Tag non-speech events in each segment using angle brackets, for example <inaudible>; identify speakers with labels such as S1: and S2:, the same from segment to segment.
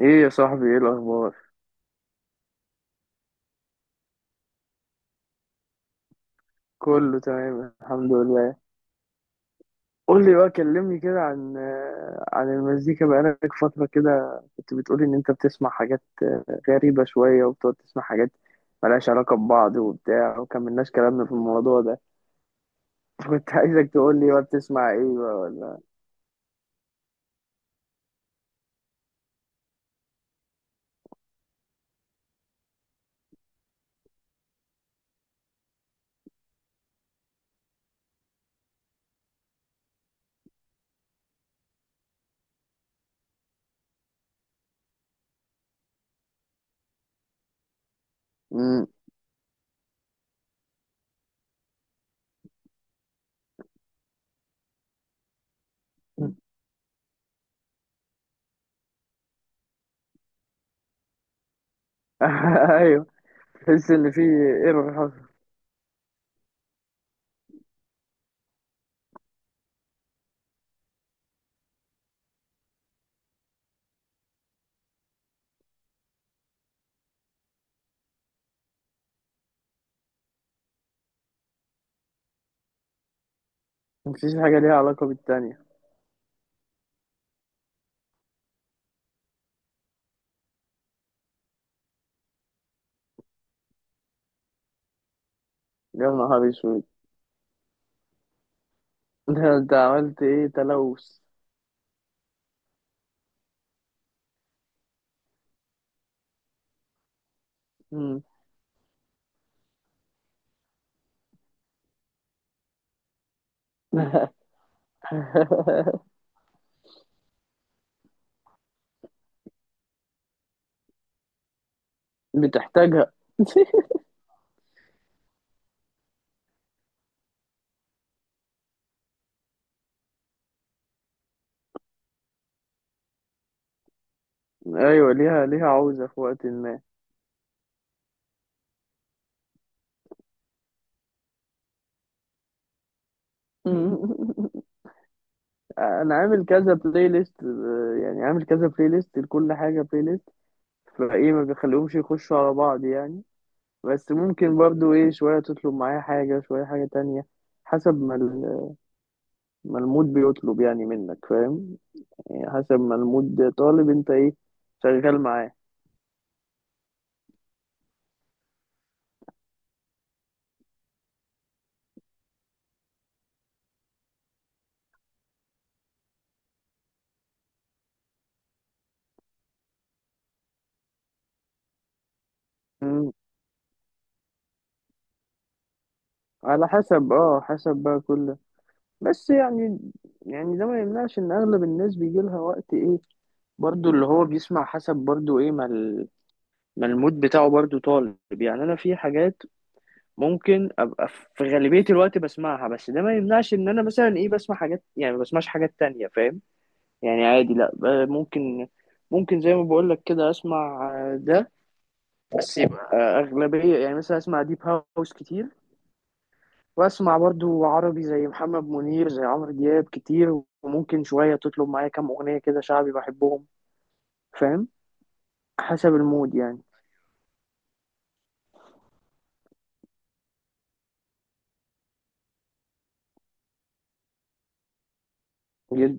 S1: ايه يا صاحبي، ايه الاخبار؟ كله تمام، الحمد لله. قول لي بقى، كلمني كده عن المزيكا. بقالك فترة كده كنت بتقولي ان انت بتسمع حاجات غريبة شوية، وبتقعد تسمع حاجات ملهاش علاقة ببعض وبتاع، وكملناش كلامنا في الموضوع ده. <laughs> كنت عايزك تقول لي بقى، بتسمع ايه بقى؟ ولا... مم. <laughs> ايوه. تحس ان في ايه حصل؟ مفيش حاجة ليها علاقة بالتانية. يا نهار اسود! <laughs> ده انت عملت ايه، تلوث؟ مم. <laughs> بتحتاجها. <laughs> ايوه، ليها عوزة في وقت ما. <laughs> انا عامل كذا بلاي ليست، يعني عامل كذا بلاي ليست لكل حاجة بلاي ليست، فايه ما بخليهمش يخشوا على بعض يعني. بس ممكن برضو ايه شوية تطلب معايا حاجة، شوية حاجة تانية، حسب ما ما المود بيطلب يعني منك، فاهم؟ يعني حسب ما المود طالب انت ايه شغال معاه. مم. على حسب بقى كل، بس يعني، يعني ده ما يمنعش ان اغلب الناس بيجي لها وقت ايه، برضو اللي هو بيسمع حسب، برضو ايه ما ما المود بتاعه برضو طالب، يعني انا في حاجات ممكن ابقى في غالبية الوقت بسمعها، بس ده ما يمنعش ان انا مثلا ايه بسمع حاجات، يعني ما بسمعش حاجات تانية، فاهم؟ يعني عادي، لا ممكن زي ما بقول لك كده، اسمع ده، بس يبقى اغلبية، يعني مثلا اسمع ديب هاوس كتير، واسمع برضو عربي زي محمد منير، زي عمرو دياب كتير، وممكن شوية تطلب معايا كام اغنية كده شعبي بحبهم، فاهم؟ حسب المود يعني.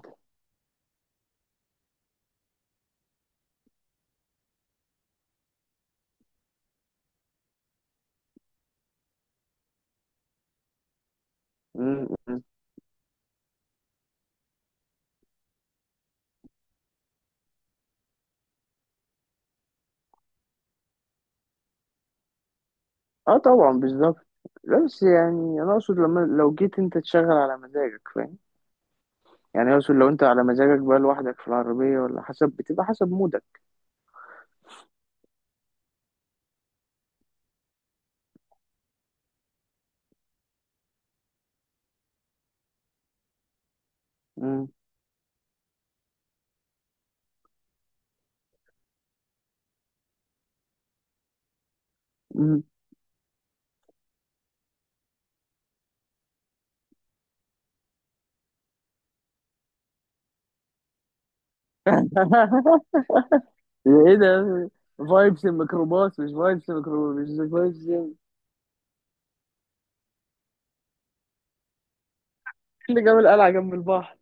S1: مم. مم. اه طبعا، بالظبط. لا بس يعني انا اقصد لما لو جيت انت تشغل على مزاجك، فاهم؟ يعني اقصد لو انت على مزاجك بقى لوحدك في العربية، ولا، حسب، بتبقى حسب مودك. مم. مم. <laughs> ايه ده؟ فايبس الميكروباص، مش فايبس الميكروباص، مش فايبس جيم. اللي جاب القلعة جنب البحر!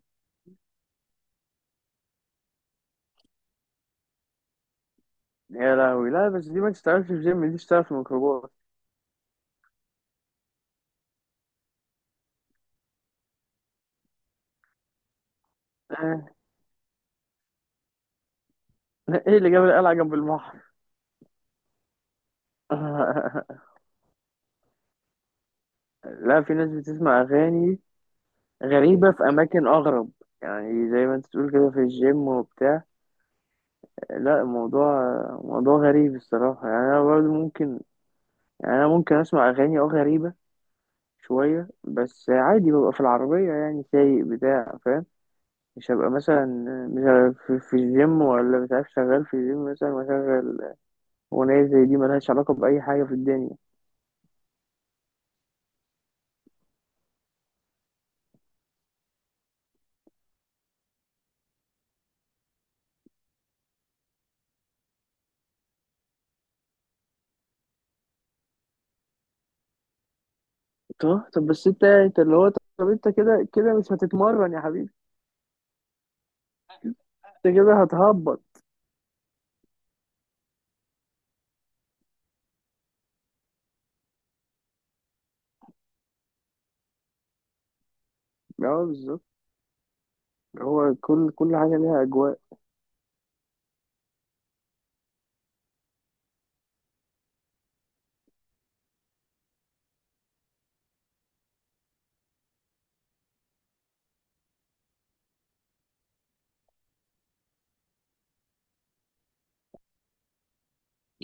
S1: يا لهوي، لا بس دي ما تشتغلش في جيم، دي تشتغل في ميكروباص. <laughs> ايه اللي جاب القلعة جنب البحر؟ <laughs> لا، في ناس بتسمع اغاني غريبة في أماكن أغرب، يعني زي ما أنت تقول كده في الجيم وبتاع. لا، الموضوع، موضوع غريب الصراحة، يعني أنا برضه ممكن، يعني أنا ممكن أسمع أغاني غريبة شوية، بس عادي ببقى في العربية يعني، سايق بتاع، فاهم؟ مش هبقى مثلا، مش هبقى في الجيم، ولا مش عارف شغال في الجيم مثلا، وأشغل أغنية زي دي ملهاش علاقة بأي حاجة في الدنيا. طب بس أنت اللي هو، طب أنت كده كده مش هتتمرن يا حبيبي، أنت كده هتهبط. اه بالظبط. هو كل حاجة ليها أجواء.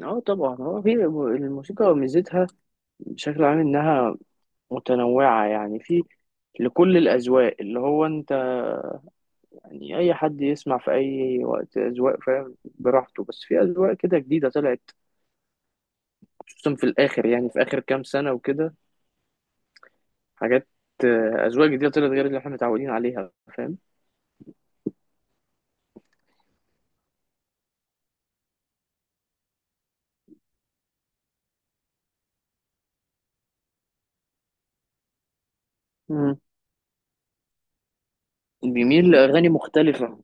S1: اه طبعا، هو في الموسيقى ميزتها بشكل عام انها متنوعة، يعني في لكل الأذواق، اللي هو انت يعني أي حد يسمع في أي وقت أذواق، فاهم؟ براحته، بس في أذواق كده جديدة طلعت، خصوصا في الآخر، يعني في آخر كام سنة وكده، حاجات، أذواق جديدة طلعت غير اللي احنا متعودين عليها، فاهم؟ مم. بيميل لأغاني مختلفة،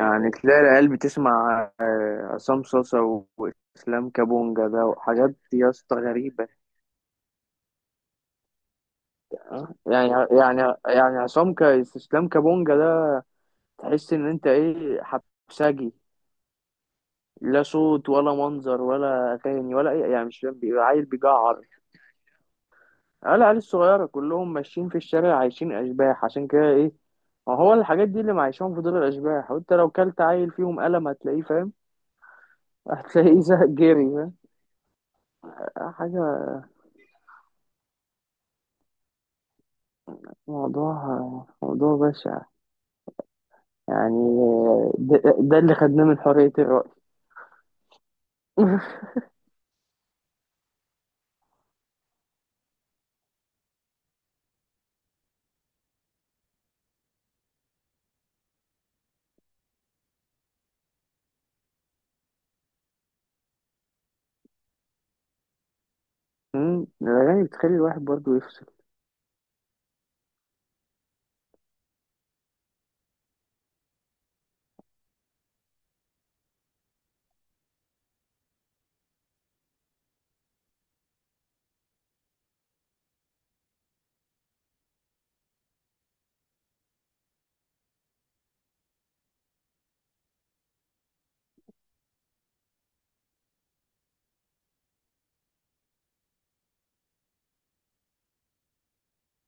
S1: يعني تلاقي العيال بتسمع عصام صاصا وإسلام كابونجا ده، وحاجات يا اسطى غريبة. آه، يعني يعني يعني عصام إسلام كابونجا ده، تحس إن أنت إيه، حبسجي، لا صوت ولا منظر ولا أغاني ولا أي، يعني مش فاهم، بيبقى عيل بيجعر. العيال الصغيرة كلهم ماشيين في الشارع، عايشين أشباح، عشان كده إيه، ما هو الحاجات دي اللي معيشهم في دول الأشباح، وأنت لو كلت عيل فيهم قلم هتلاقيه، فاهم؟ <laughs> هتلاقيه زهق جري، فاهم؟ حاجة، موضوع موضوع بشع، يعني، ده اللي خدناه من حرية الرأي. <laughs> الأغاني بتخلي الواحد برضه يفصل.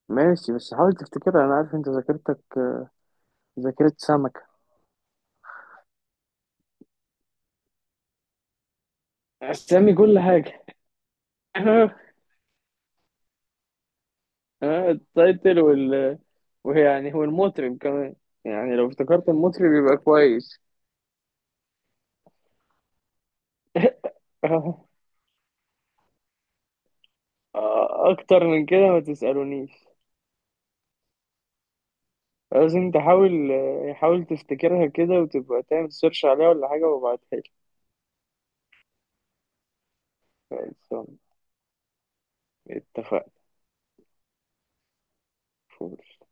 S1: ماشي، بس حاول تفتكرها، أنا عارف أنت ذاكرتك ذاكرة سمكة، اسامي كل حاجه. <laughs> آه، التايتل وال... ويعني هو المطرب كمان، يعني لو افتكرت المطرب يبقى كويس. <laughs> اكتر من كده ما تسألونيش، لازم تحاول، حاول تفتكرها كده وتبقى تعمل سيرش عليها ولا حاجة، وابعتها لي. اتفقنا. فول.